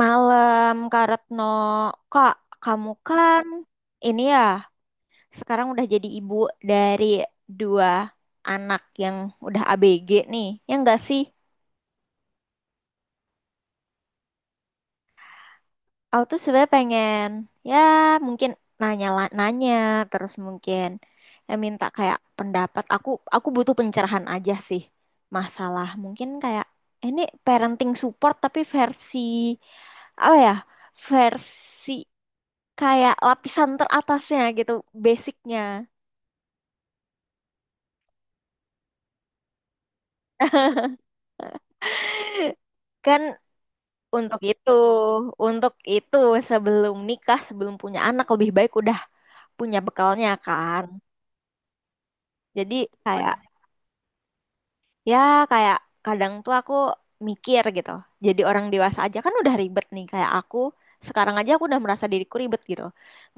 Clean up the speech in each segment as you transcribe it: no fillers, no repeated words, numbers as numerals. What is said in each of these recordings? Malam, Kak Retno. Kak, kamu kan ini ya, sekarang udah jadi ibu dari dua anak yang udah ABG nih. Ya enggak sih? Aku tuh sebenarnya pengen, ya mungkin nanya-nanya, terus mungkin ya minta kayak pendapat. Aku butuh pencerahan aja sih. Masalah mungkin kayak "Eh, ini parenting support tapi versi apa ya? Versi kayak lapisan teratasnya gitu, basicnya." Kan untuk itu, untuk itu sebelum nikah, sebelum punya anak lebih baik udah punya bekalnya kan. Jadi kayak ya kayak kadang tuh aku mikir gitu. Jadi orang dewasa aja kan udah ribet nih kayak aku. Sekarang aja aku udah merasa diriku ribet gitu.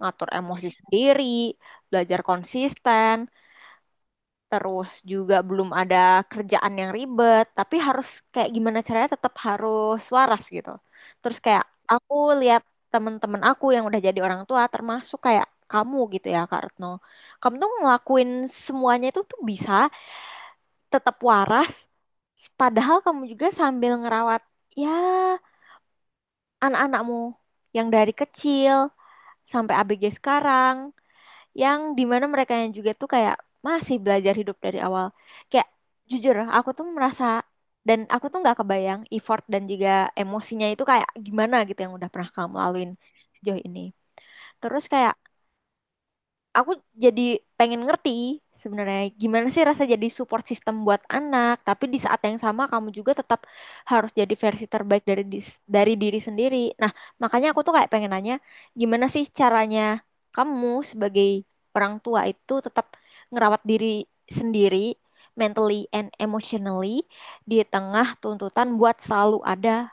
Ngatur emosi sendiri, belajar konsisten, terus juga belum ada kerjaan yang ribet, tapi harus kayak gimana caranya tetap harus waras gitu. Terus kayak aku lihat temen-temen aku yang udah jadi orang tua, termasuk kayak kamu gitu ya, Kak Retno. Kamu tuh ngelakuin semuanya itu tuh bisa tetap waras, padahal kamu juga sambil ngerawat ya anak-anakmu yang dari kecil sampai ABG sekarang yang dimana mereka yang juga tuh kayak masih belajar hidup dari awal. Kayak jujur, aku tuh merasa dan aku tuh nggak kebayang effort dan juga emosinya itu kayak gimana gitu yang udah pernah kamu laluin sejauh ini. Terus kayak aku jadi pengen ngerti sebenarnya gimana sih rasa jadi support system buat anak, tapi di saat yang sama kamu juga tetap harus jadi versi terbaik dari dari diri sendiri. Nah, makanya aku tuh kayak pengen nanya, gimana sih caranya kamu sebagai orang tua itu tetap ngerawat diri sendiri mentally and emotionally di tengah tuntutan buat selalu ada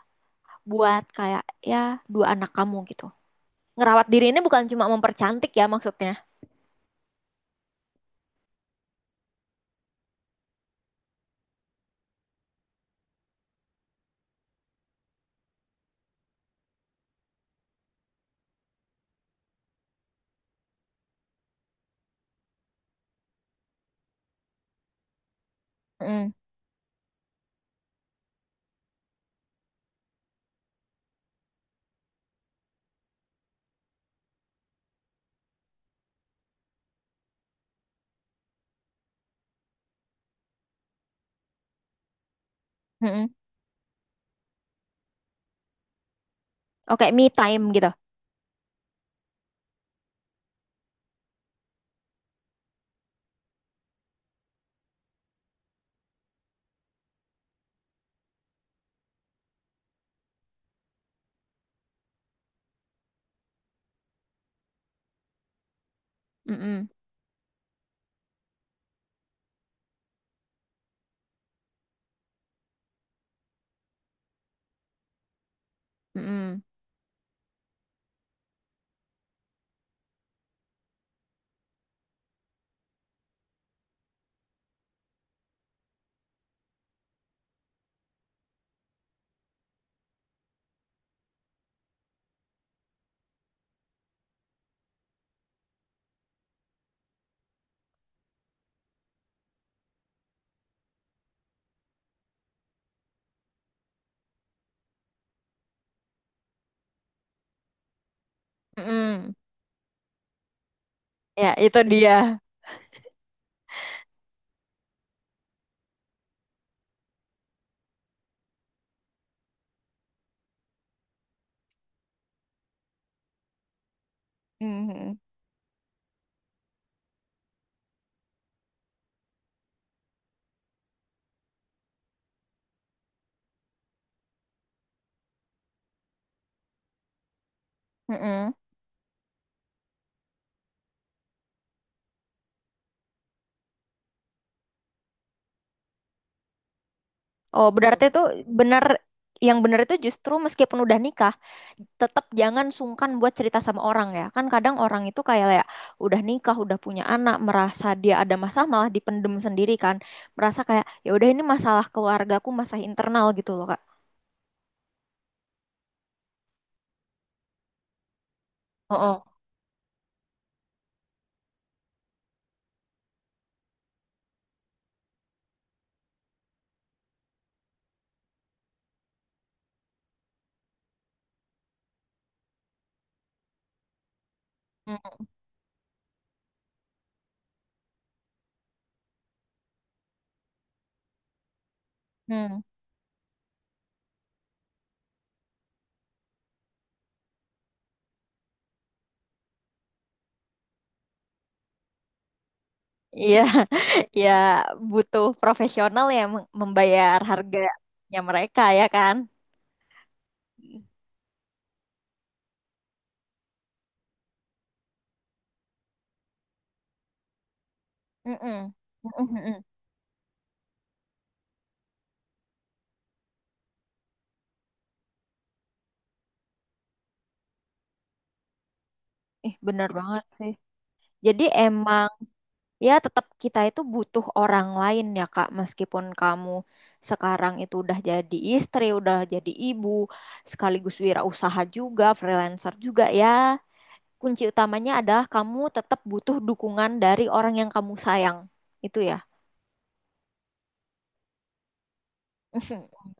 buat kayak ya dua anak kamu gitu. Ngerawat diri ini bukan cuma mempercantik ya maksudnya. Mm, mm-mm. Oh, kayak me time gitu. Mm-mm, mm-mm, mm-mm, ya, itu dia. Mm-mm, mm-mm. Oh, berarti itu benar, yang benar itu justru meskipun udah nikah, tetap jangan sungkan buat cerita sama orang ya. Kan kadang orang itu kayak ya udah nikah, udah punya anak, merasa dia ada masalah malah dipendem sendiri kan. Merasa kayak ya udah ini masalah keluargaku, masalah internal gitu loh, Kak. Oh, oh. Iya, ya butuh profesional yang membayar harganya mereka ya kan? Mm-mm. Mm-mm-mm. Ih, bener banget sih. Jadi emang ya tetap kita itu butuh orang lain ya Kak, meskipun kamu sekarang itu udah jadi istri, udah jadi ibu, sekaligus wirausaha juga, freelancer juga ya. Kunci utamanya adalah kamu tetap butuh dukungan dari orang yang kamu sayang. Itu ya.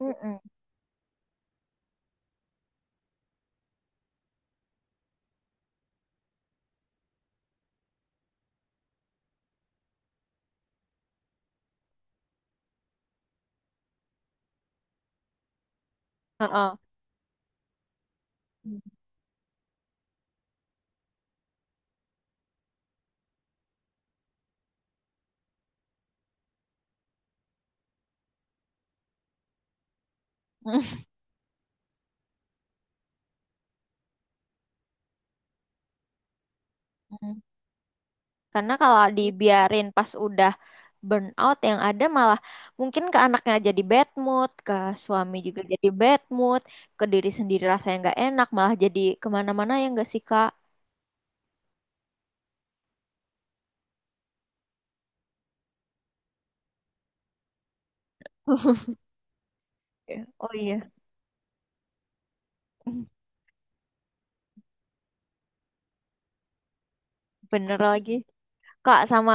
Mm-mm. Heeh. Mm. Karena kalau dibiarin pas udah burn out yang ada malah mungkin ke anaknya jadi bad mood, ke suami juga jadi bad mood, ke diri sendiri rasanya nggak enak, malah jadi kemana-mana ya nggak sih Kak? Oh iya, bener lagi. Kak sama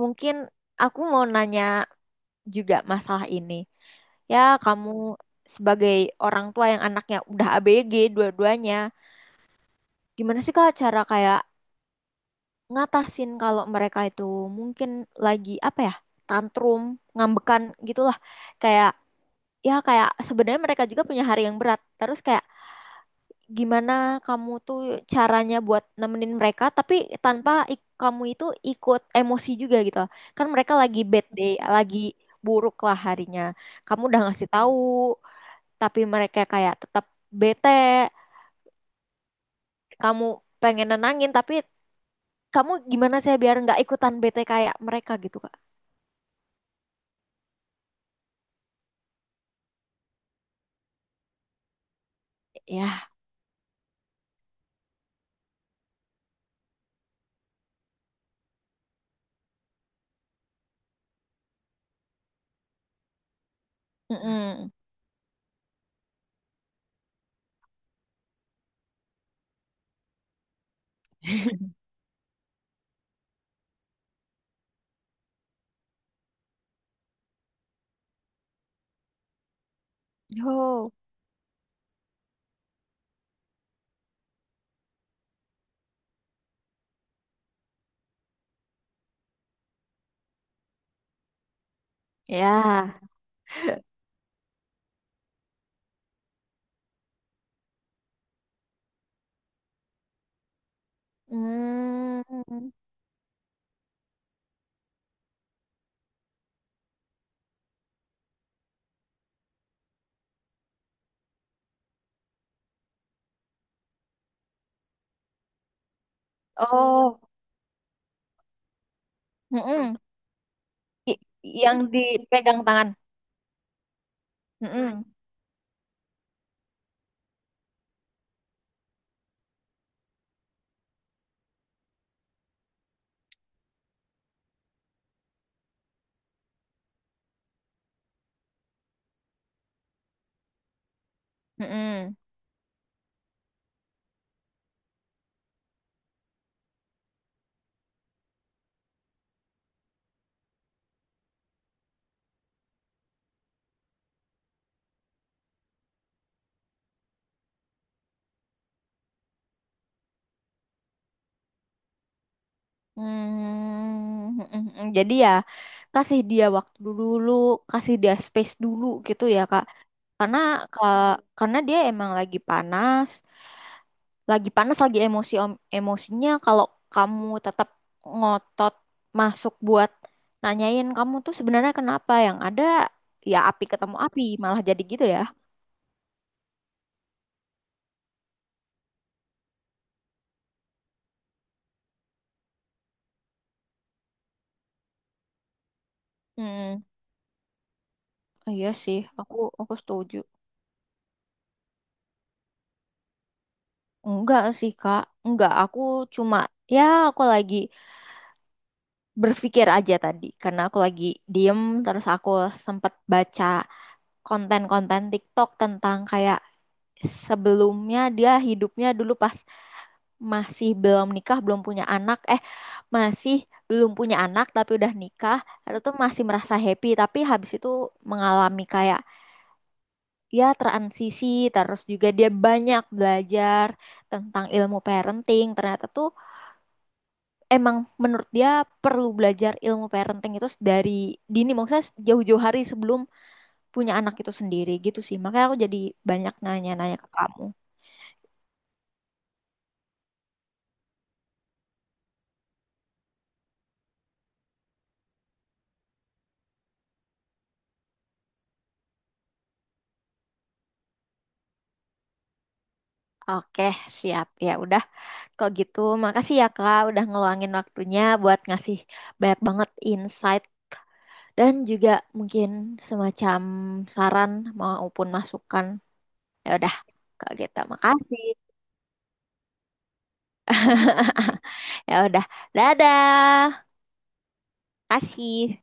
mungkin aku mau nanya juga masalah ini. Ya kamu sebagai orang tua yang anaknya udah ABG dua-duanya, gimana sih Kak cara kayak ngatasin kalau mereka itu mungkin lagi apa ya, tantrum, ngambekan gitulah, kayak ya kayak sebenarnya mereka juga punya hari yang berat terus kayak gimana kamu tuh caranya buat nemenin mereka tapi tanpa kamu itu ikut emosi juga gitu, kan mereka lagi bad day, lagi buruk lah harinya, kamu udah ngasih tahu tapi mereka kayak tetap bete, kamu pengen nenangin tapi kamu gimana sih biar nggak ikutan bete kayak mereka gitu Kak. Ya, mm-mm. Oh, ya. Mm. Oh, mm-mm. i- yang dipegang tangan. Mm-mm. Mm-mm. Mm. Mm-mm. Jadi ya kasih dia waktu dulu, kasih dia space dulu gitu ya Kak. Karena karena dia emang lagi panas, lagi panas lagi emosi, emosinya kalau kamu tetap ngotot masuk buat nanyain kamu tuh sebenarnya kenapa, yang ada ya api ketemu api malah jadi gitu ya. Hmm, iya sih, aku setuju. Enggak sih Kak, enggak, aku cuma ya aku lagi berpikir aja tadi karena aku lagi diem terus aku sempet baca konten-konten TikTok tentang kayak sebelumnya dia hidupnya dulu pas masih belum nikah, belum punya anak, masih belum punya anak tapi udah nikah, atau tuh masih merasa happy tapi habis itu mengalami kayak ya transisi, terus juga dia banyak belajar tentang ilmu parenting. Ternyata tuh emang menurut dia perlu belajar ilmu parenting itu dari dini, maksudnya jauh-jauh hari sebelum punya anak itu sendiri gitu sih. Makanya aku jadi banyak nanya-nanya ke kamu. Oke, siap. Ya udah. Kok gitu, makasih ya Kak udah ngeluangin waktunya buat ngasih banyak banget insight dan juga mungkin semacam saran maupun masukan. Ya udah, Kak gitu. Makasih. Ya udah. Dadah. Kasih.